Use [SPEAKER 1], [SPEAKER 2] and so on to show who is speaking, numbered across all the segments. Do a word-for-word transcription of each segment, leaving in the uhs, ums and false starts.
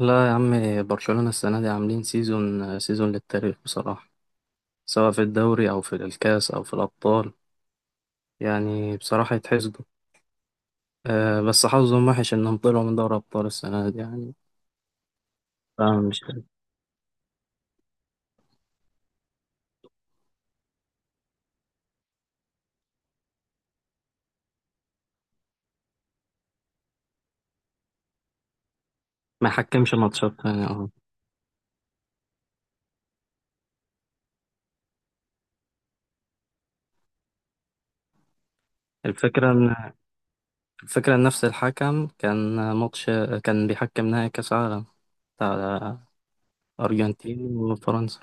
[SPEAKER 1] لا يا عم. برشلونة السنة دي عاملين سيزون سيزون للتاريخ بصراحة، سواء في الدوري أو في الكاس أو في الأبطال. يعني بصراحة يتحسدوا. أه، بس حظهم وحش إنهم طلعوا من دوري أبطال السنة دي يعني. فمش ما حكمش ماتشات يعني اه. الفكرة إن الفكرة إن نفس الحكم كان ماتش، كان بيحكم نهائي كأس عالم بتاع أرجنتين وفرنسا.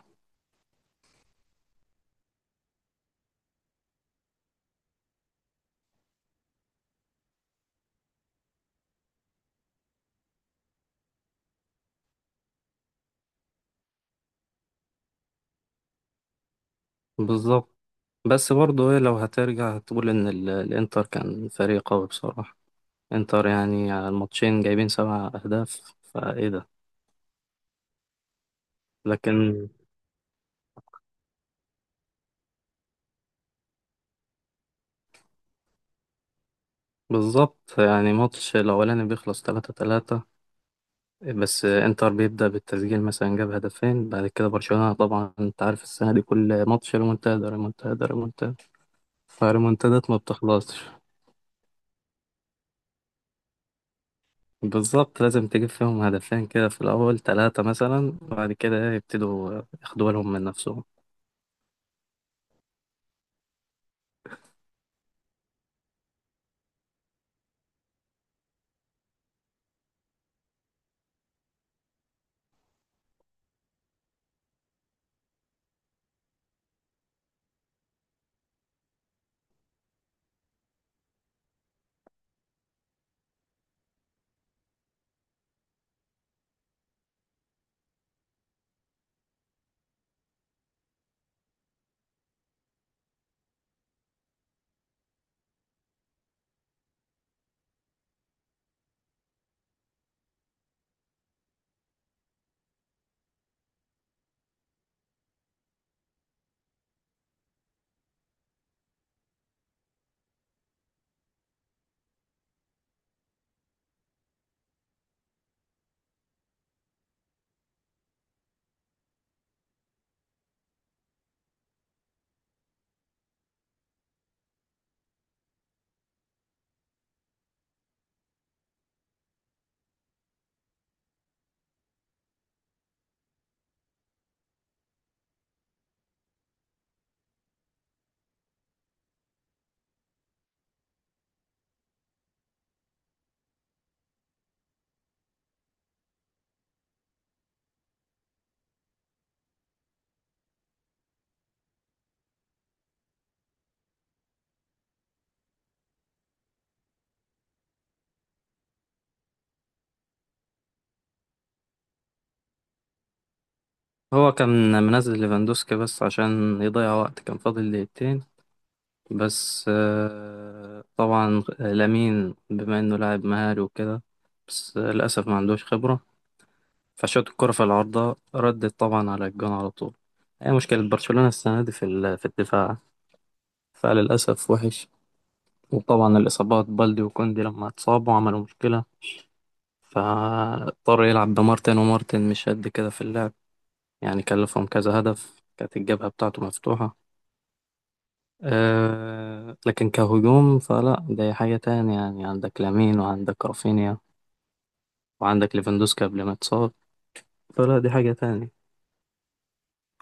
[SPEAKER 1] بالظبط. بس برضه إيه، لو هترجع هتقول إن ال- الإنتر كان فريق قوي بصراحة. انتر يعني على الماتشين جايبين سبع أهداف، فايه ده؟ لكن بالظبط. يعني ماتش الأولاني بيخلص تلاتة تلاتة، بس انتر بيبدأ بالتسجيل، مثلا جاب هدفين، بعد كده برشلونة طبعا انت عارف السنة دي كل ماتش ريمونتادا ريمونتادا ريمونتادا، فالريمونتادات ما بتخلصش. بالظبط، لازم تجيب فيهم هدفين كده في الأول تلاتة مثلا، بعد كده يبتدوا ياخدوا بالهم من نفسهم. هو كان منزل ليفاندوسكي بس عشان يضيع وقت، كان فاضل دقيقتين. بس آه، طبعا آه، لامين بما انه لاعب مهاري وكده، بس آه، للاسف ما عندوش خبره، فشوت الكره في العارضه ردت طبعا على الجون على طول. هي مشكله برشلونه السنه دي في ال- في الدفاع، فللاسف وحش. وطبعا الاصابات بالدي وكوندي لما اتصابوا عملوا مشكله، فاضطر يلعب بمارتن، ومارتن مش قد كده في اللعب، يعني كلفهم كذا هدف، كانت الجبهه بتاعته مفتوحه. أه لكن كهجوم فلا، ده حاجة تانية، يعني عندك لامين وعندك رافينيا وعندك ليفاندوسكي قبل ما اتصاب. فلا دي حاجة تانية.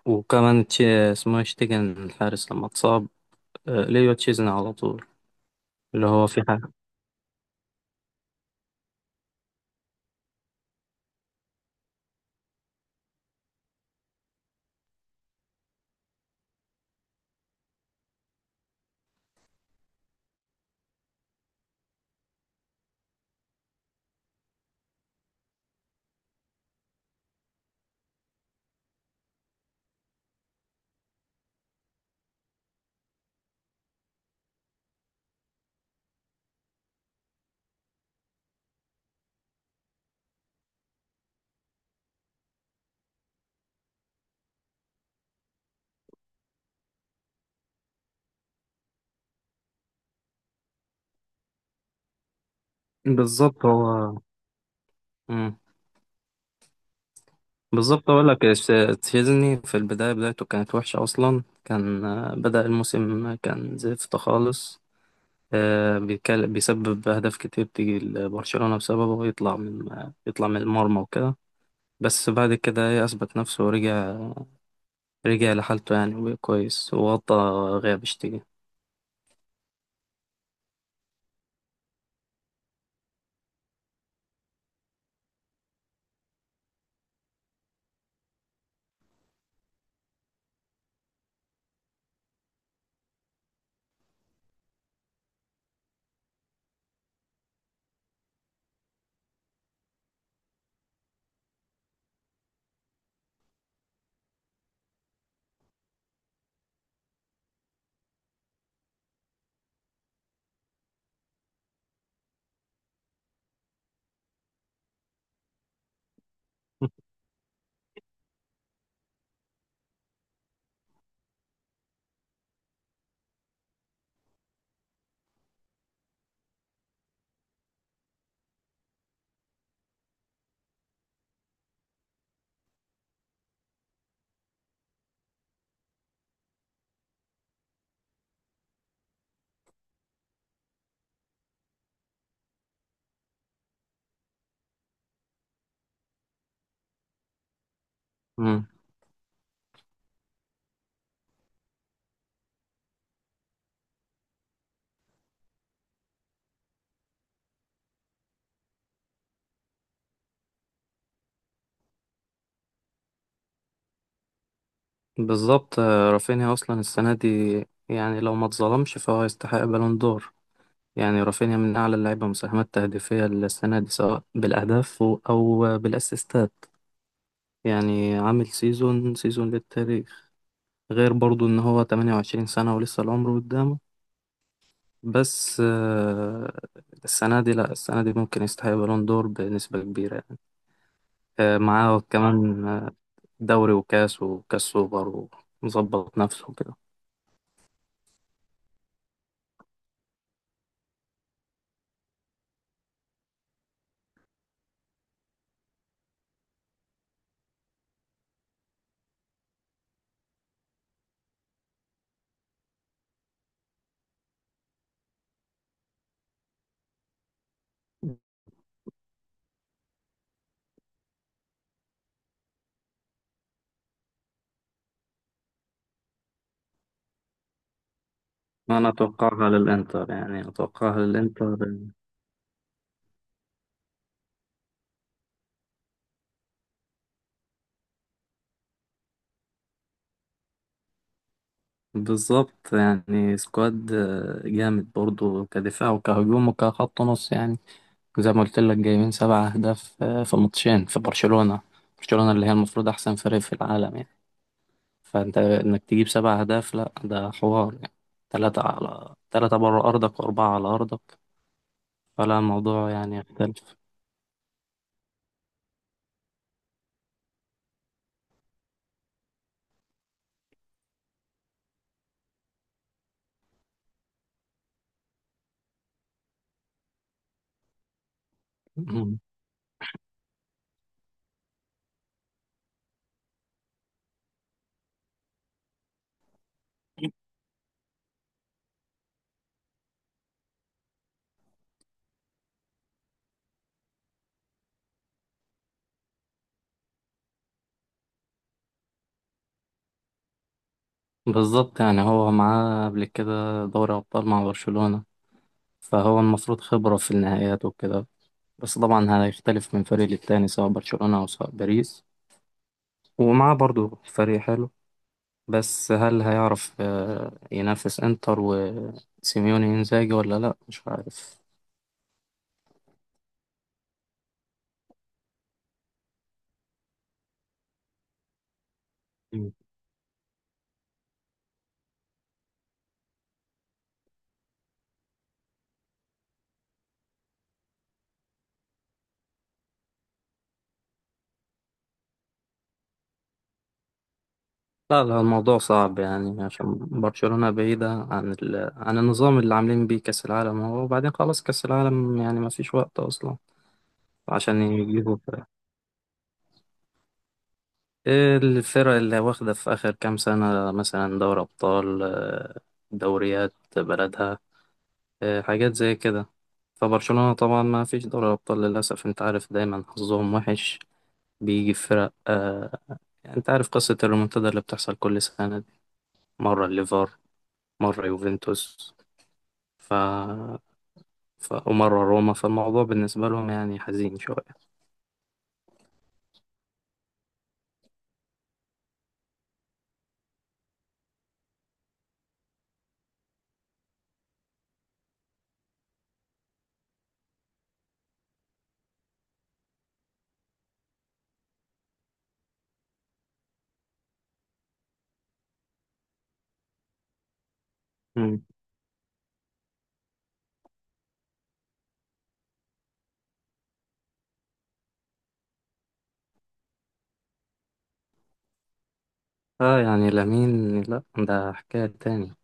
[SPEAKER 1] وكمان تشي اسمه إيه، شتيجن الحارس لما اتصاب، أه ليو تشيزني على طول. اللي هو في حاجة بالظبط هو. مم. بالظبط أقول لك إيش، تشيزني في البداية بدايته كانت وحشة أصلا، كان آه، بدأ الموسم، كان زفت خالص، آه، بيكل- بيسبب أهداف كتير تيجي لبرشلونة بسببه، ويطلع من آه، يطلع من المرمى وكده. بس بعد كده ايه اثبت نفسه ورجع رجع لحالته يعني، وبقى كويس وغطى غياب اشتكي. مم. بالظبط، آه، رافينيا اصلا السنه دي، يعني لو ما اتظلمش فهو يستحق بالون دور. يعني رافينيا من اعلى اللعيبه مساهمات تهديفيه السنه دي، سواء بالاهداف و- او بالاسيستات. يعني عامل سيزون سيزون للتاريخ، غير برضو ان هو ثمانية وعشرين سنه ولسه العمر قدامه. بس آه، السنه دي لا السنه دي ممكن يستحق بالون دور بنسبه كبيره. آه، معاه كمان آه، دوري وكاس وكاس سوبر، ومظبط نفسه كده. أنا أتوقعها للإنتر، يعني أتوقعها للإنتر. بالظبط، يعني سكواد آه، جامد برضو، كدفاع وكهجوم وكخط نص يعني. زي ما قلت لك جايبين سبع أهداف آه، في ماتشين، في برشلونة، برشلونة اللي هي المفروض أحسن فريق في العالم يعني. فأنت إنك تجيب سبع أهداف، لأ ده حوار يعني، تلاتة على تلاتة بره أرضك وأربعة على أرضك، فلا الموضوع يعني يختلف. بالظبط، يعني هو معاه قبل كده دوري أبطال مع برشلونة، فهو المفروض خبرة في النهائيات وكده. بس طبعا هيختلف من فريق للتاني، سواء برشلونة أو سواء باريس. ومعاه برضو فريق حلو، بس هل هيعرف آه، ينافس إنتر وسيميوني إنزاجي ولا لأ، مش عارف. مم. لا لا، الموضوع صعب يعني، عشان برشلونة بعيدة عن ال... عن النظام اللي عاملين بيه كأس العالم. هو وبعدين خلاص كأس العالم يعني ما فيش وقت أصلا عشان يجيبوا إيه الفرق اللي واخدة في آخر كام سنة، مثلا دوري أبطال آه، دوريات بلدها، آه، حاجات زي كده. فبرشلونة طبعا ما فيش دوري أبطال للأسف، أنت عارف دايما حظهم وحش، بيجي في فرق آه، يعني أنت عارف قصة الريمونتادا اللي بتحصل كل سنة دي، مرة الليفر، مرة يوفنتوس، ف... ف... ومرة روما، فالموضوع بالنسبة لهم يعني حزين شوية. مم. اه يعني لامين لا ده حكاية تاني،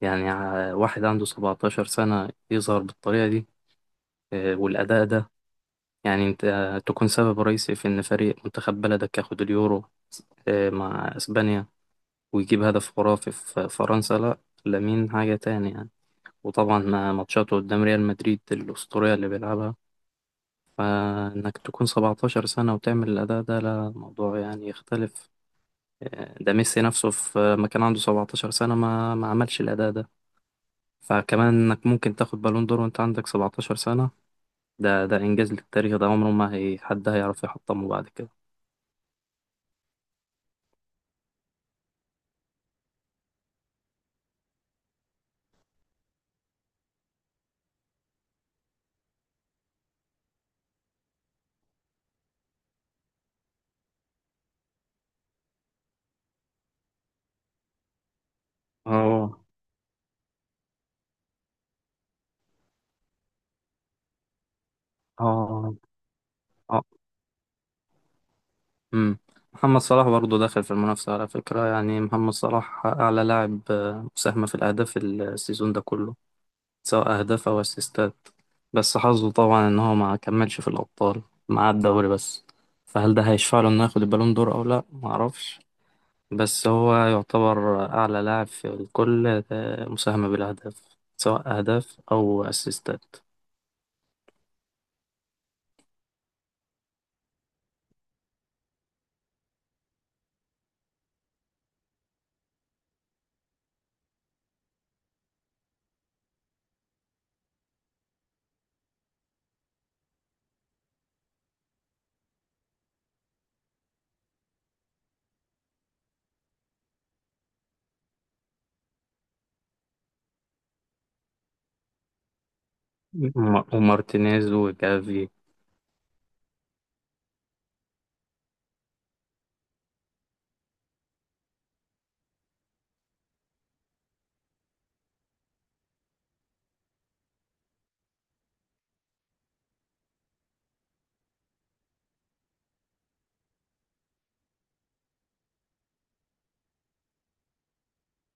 [SPEAKER 1] يعني ع- واحد عنده سبعتاشر سنة يظهر بالطريقة دي، آه، والأداء ده، يعني أنت آه، تكون سبب رئيسي في إن فريق منتخب بلدك ياخد اليورو، آه، مع أسبانيا، ويجيب هدف خرافي في فرنسا، لأ لامين حاجة تاني يعني. وطبعا مع ماتشاته قدام ريال مدريد الأسطورية اللي بيلعبها، فإنك تكون سبعتاشر سنة وتعمل الأداء ده، لا موضوع يعني يختلف. آه، ده ميسي نفسه في ما كان عنده سبعة عشر سنة ما ما عملش الأداء ده. فكمان انك ممكن تاخد بالون دور وانت عندك سبعتاشر سنة، ده ده إنجاز للتاريخ، ده عمره ما هي حد هيعرف يحطمه بعد كده. اه اه اه. أمم. محمد صلاح برضه داخل في المنافسة على فكرة، يعني محمد صلاح أعلى لاعب آه، مساهمة في الأهداف السيزون ده كله، سواء أهداف أو أسيستات. بس حظه طبعا إن هو ما كملش في الأبطال، مع الدوري بس. فهل ده هيشفع له إنه ياخد البالون دور أو لأ، معرفش. بس هو يعتبر أعلى لاعب في الكل آه، مساهمة بالأهداف، سواء أهداف أو أسيستات. وم- ومارتينيز وجافي.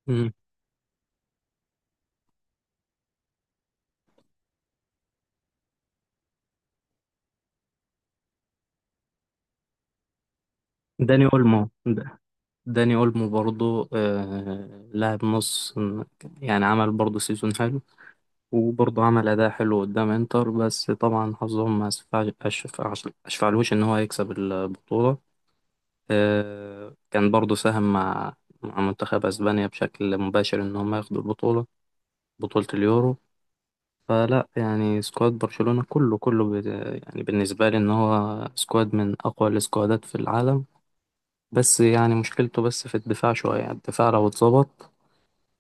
[SPEAKER 1] مم. داني اولمو د- داني اولمو برضو آه لاعب نص، يعني عمل برضو سيزون حلو، وبرضو عمل اداء حلو قدام انتر. بس طبعا حظهم ما اسفع- أشفع- اشفعلوش ان هو يكسب البطولة. آه كان برضو ساهم مع مع منتخب اسبانيا بشكل مباشر، ان هم ياخدوا البطولة، بطولة اليورو. فلا يعني سكواد برشلونة كله كله بت- يعني بالنسبة لي إن هو سكواد من أقوى السكوادات في العالم. بس يعني مشكلته بس في الدفاع شوية يعني، الدفاع لو اتظبط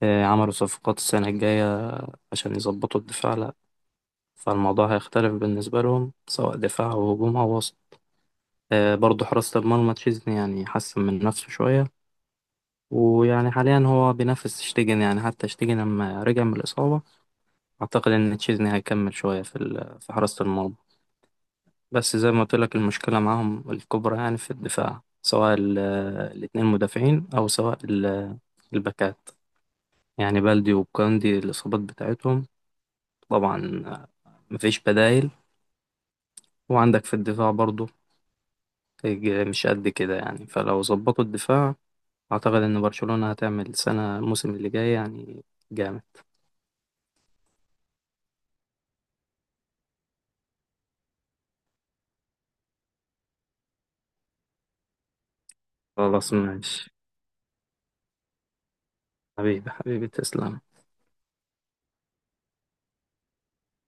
[SPEAKER 1] آه، عملوا صفقات السنة الجاية عشان يظبطوا الدفاع، لا فالموضوع هيختلف بالنسبة لهم، سواء دفاع أو هجوم أو وسط. آه، برضه حراسة المرمى تشيزني يعني حسن من نفسه شوية. ويعني حاليا هو بينافس شتيجن، يعني حتى شتيجن لما رجع من الإصابة أعتقد إن تشيزني هيكمل شوية في ال- في حراسة المرمى. بس زي ما قلت لك المشكلة معاهم الكبرى يعني في الدفاع، سواء ال- الاتنين مدافعين، أو سواء ال- الباكات، يعني بلدي وكاندي الإصابات بتاعتهم طبعا، مفيش بدايل. وعندك في الدفاع برضو مش قد كده يعني، فلو ظبطوا الدفاع أعتقد إن برشلونة هتعمل سنة الموسم اللي جاي يعني جامد. خلاص ماشي. حبيبي حبيبي تسلم.